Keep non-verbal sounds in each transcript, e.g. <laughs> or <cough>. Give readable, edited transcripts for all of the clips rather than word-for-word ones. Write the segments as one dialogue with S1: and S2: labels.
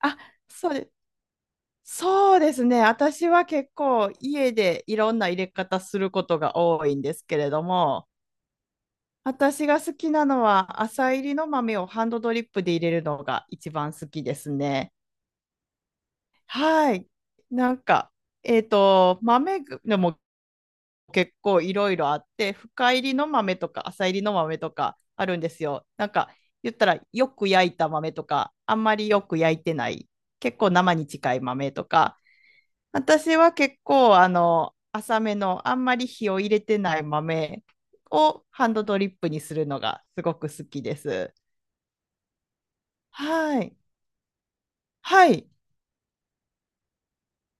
S1: あ、そうで、そうですね。私は結構家でいろんな入れ方することが多いんですけれども、私が好きなのは朝入りの豆をハンドドリップで入れるのが一番好きですね。はい。なんか、豆でも結構いろいろあって、深入りの豆とか浅入りの豆とかあるんですよ。なんか、言ったらよく焼いた豆とか、あんまりよく焼いてない、結構生に近い豆とか。私は結構、浅めの、あんまり火を入れてない豆をハンドドリップにするのがすごく好きです。はい。はい。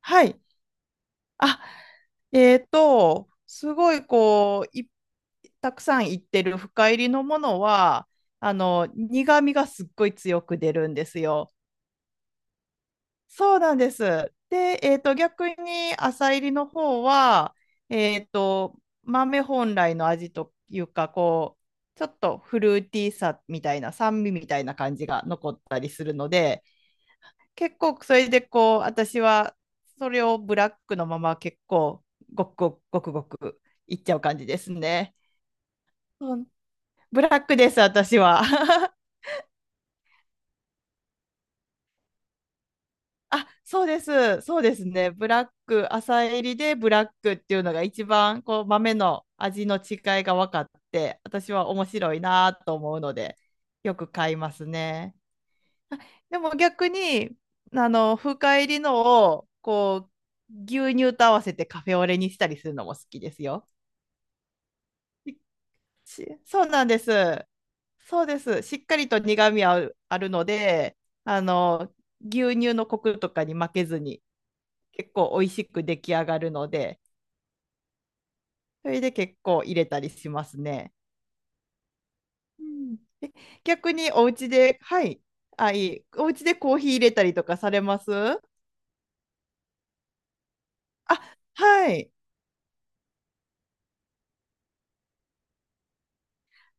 S1: はい。あ、すごい、こう、たくさんいってる深入りのものは、あの、苦味がすっごい強く出るんですよ。そうなんです。で、逆に浅入りの方は、豆本来の味というか、こう、ちょっとフルーティーさみたいな、酸味みたいな感じが残ったりするので、結構それでこう、私はそれをブラックのまま結構、ごくごくごくごくいっちゃう感じですね。うん、ブラックです、私は。<laughs> あ、そうです。そうですね。ブラック、浅煎りでブラックっていうのが一番こう豆の味の違いが分かって、私は面白いなと思うので、よく買いますね。あでも逆に、あの、深煎りのをこう牛乳と合わせてカフェオレにしたりするのも好きですよ。しそうなんです。そうです。しっかりと苦味あるので、あの、牛乳のコクとかに負けずに。結構美味しく出来上がるので、それで結構入れたりしますね。うん、逆にお家で、はい、お家でコーヒー入れたりとかされますあ、はい。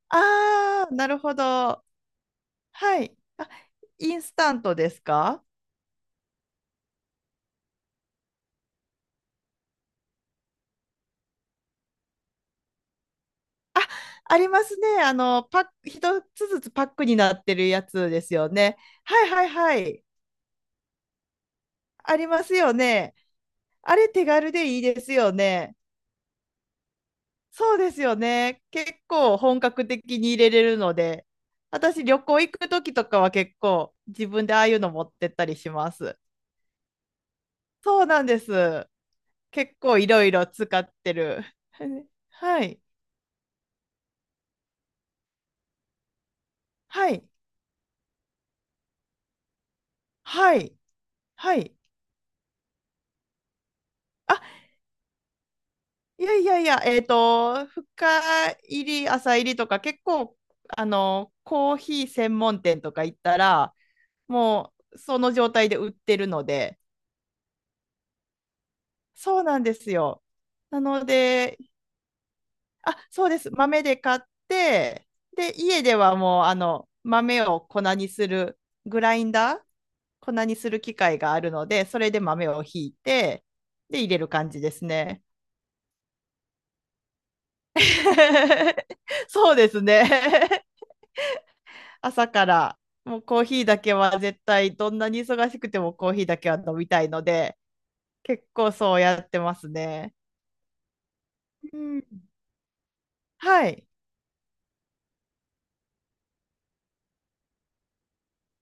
S1: ああ、なるほど。はい。あ、インスタントですか？ありますね。あの、パック、一つずつパックになってるやつですよね。はいはいはい。ありますよね。あれ手軽でいいですよね。そうですよね。結構本格的に入れれるので、私旅行行く時とかは結構自分でああいうの持ってったりします。そうなんです。結構いろいろ使ってる。<laughs> はい。はい。はい。はい。あ、いやいやいや、深入り、浅入りとか結構、あの、コーヒー専門店とか行ったら、もうその状態で売ってるので、そうなんですよ。なので、あ、そうです。豆で買って、で、家ではもう、あの、豆を粉にする、グラインダー、粉にする機械があるので、それで豆をひいて、で、入れる感じですね。<laughs> そうですね。<laughs> 朝から、もうコーヒーだけは絶対、どんなに忙しくてもコーヒーだけは飲みたいので、結構そうやってますね。うん。はい。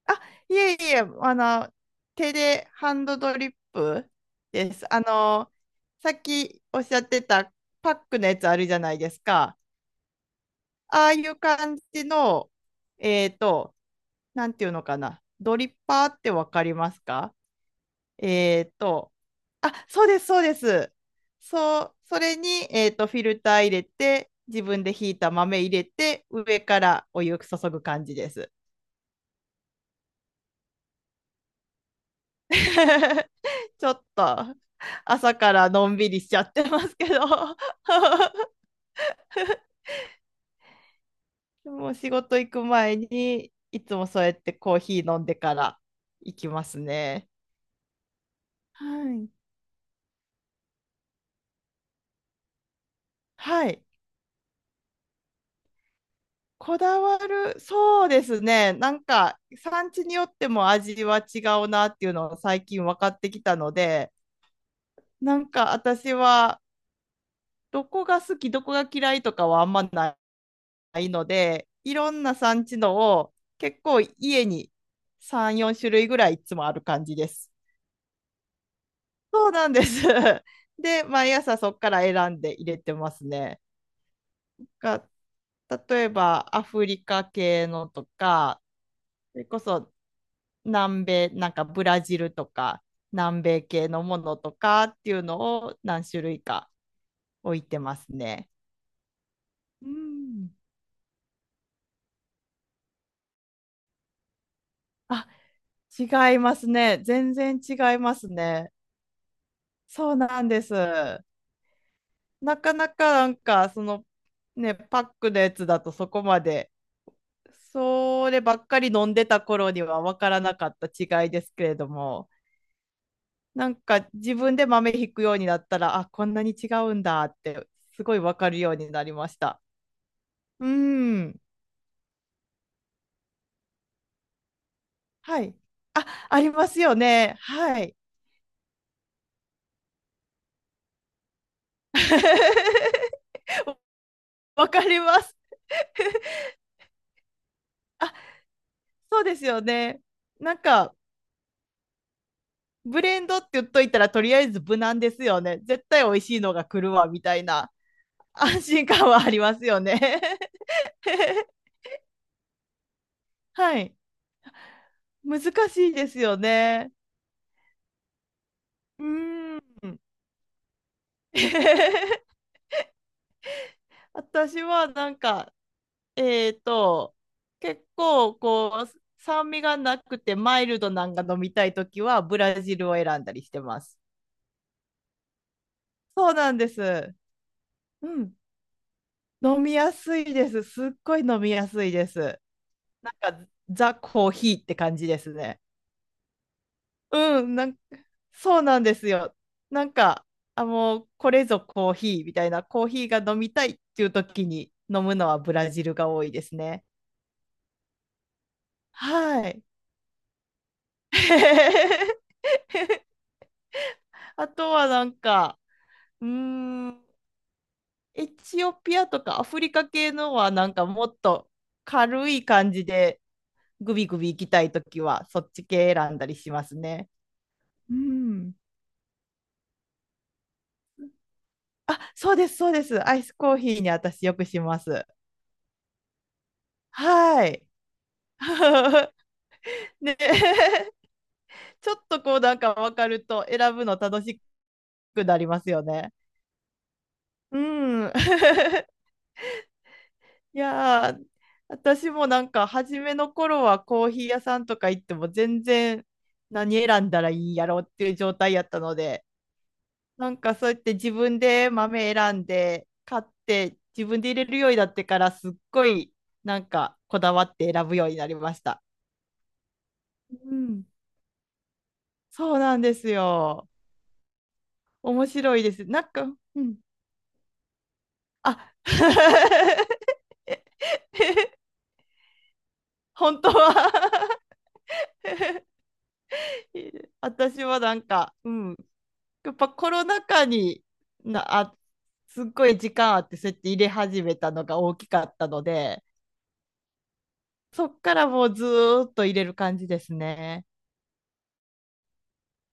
S1: あ、いえいえ、あの、手でハンドドリップです。あの、さっきおっしゃってたパックのやつあるじゃないですか。ああいう感じの、えっと、なんていうのかな。ドリッパーってわかりますか？えっと、あ、そうです、そうです。そう、それに、フィルター入れて、自分でひいた豆入れて、上からお湯注ぐ感じです。<laughs> ちょっと朝からのんびりしちゃってますけど、<laughs> もう仕事行く前にいつもそうやってコーヒー飲んでから行きますね。はい。はい。こだわる、そうですね。なんか産地によっても味は違うなっていうのを最近分かってきたので、なんか私はどこが好き、どこが嫌いとかはあんないので、いろんな産地のを結構家に3、4種類ぐらいいつもある感じです。そうなんです。<laughs> で、毎朝そこから選んで入れてますね。が例えばアフリカ系のとか、それこそ南米、なんかブラジルとか、南米系のものとかっていうのを何種類か置いてますね。うん。あ、違いますね。全然違いますね。そうなんです。なかなかなんか、その、ね、パックのやつだとそこまで、そればっかり飲んでた頃には分からなかった違いですけれども、なんか自分で豆ひくようになったら、あ、こんなに違うんだって、すごい分かるようになりました。うん。はい。あ、ありますよね。はい。<laughs> わかります。あ、そうですよね。なんか、ブレンドって言っといたらとりあえず無難ですよね。絶対美味しいのが来るわみたいな。 <laughs> 安心感はありますよね。<laughs> はい。難しいですよね。うーん。<laughs> 私はなんか、えっと、結構こう、酸味がなくてマイルドなんか飲みたいときはブラジルを選んだりしてます。そうなんです。うん。飲みやすいです。すっごい飲みやすいです。なんかザ・コーヒーって感じですね。うん、なん、そうなんですよ。なんか、あ、もうこれぞコーヒーみたいな、コーヒーが飲みたいっていう時に飲むのはブラジルが多いですね。はい。<laughs> あとはなんか、うーん、エチオピアとかアフリカ系のはなんかもっと軽い感じでグビグビ行きたい時はそっち系選んだりしますね。うん。あ、そうです、そうです。アイスコーヒーに私よくします。はい。<laughs> ね、<laughs> ちょっとこうなんか分かると選ぶの楽しくなりますよね。うん。<laughs> いやー、私もなんか初めの頃はコーヒー屋さんとか行っても全然何選んだらいいんやろっていう状態やったので、なんかそうやって自分で豆選んで買って自分で入れるようになってからすっごいなんかこだわって選ぶようになりました。うん、そうなんですよ。面白いです。なんか、うん、あ。 <laughs>、え本当は。 <laughs> 私はなんか、うん、やっぱコロナ禍にな、あ、すっごい時間あってそうやって入れ始めたのが大きかったので、そっからもうずーっと入れる感じですね。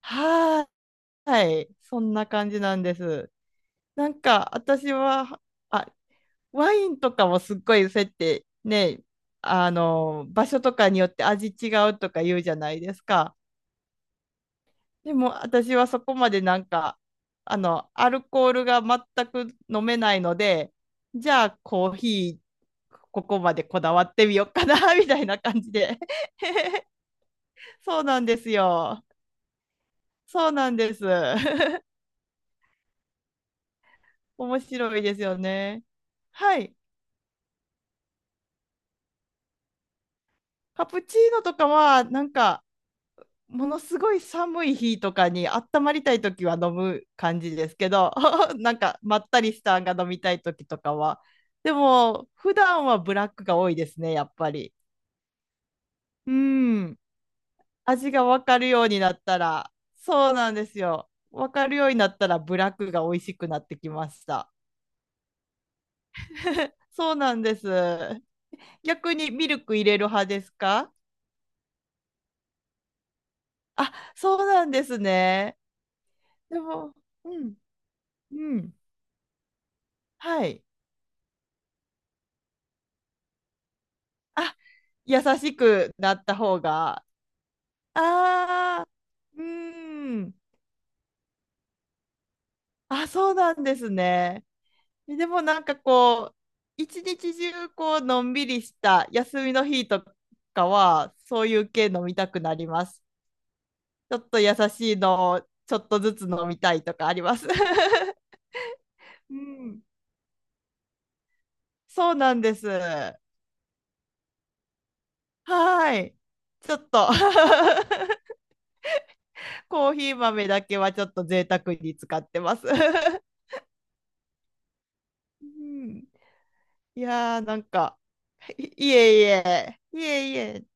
S1: はーい、そんな感じなんです。なんか私は、あ、ワインとかもすっごいそうやってね、あの、場所とかによって味違うとか言うじゃないですか。でも私はそこまでなんか、あの、アルコールが全く飲めないので、じゃあコーヒー、ここまでこだわってみようかな、<laughs> みたいな感じで。<laughs> そうなんですよ。そうなんです。<laughs> 面白いですよね。はい。カプチーノとかは、なんか、ものすごい寒い日とかに温まりたいときは飲む感じですけど、 <laughs> なんかまったりしたんが飲みたいときとかは、でも普段はブラックが多いですね、やっぱり。うん、味が分かるようになったら、そうなんですよ、分かるようになったらブラックが美味しくなってきました。 <laughs> そうなんです。逆にミルク入れる派ですか？あ、そうなんですね。でも、うん、うん、はい、あ、優しくなった方が、ああ、うーん、あ、そうなんですね。でもなんかこう、一日中こう、のんびりした休みの日とかは、そういう系飲みたくなります。ちょっと優しいのをちょっとずつ飲みたいとかあります。<laughs> うん。<laughs> そうなんです。はーい。ちょっと。 <laughs> コーヒー豆だけはちょっと贅沢に使ってます。<laughs> うん、いやーなんか。 <laughs> いえいえ、いえいえ、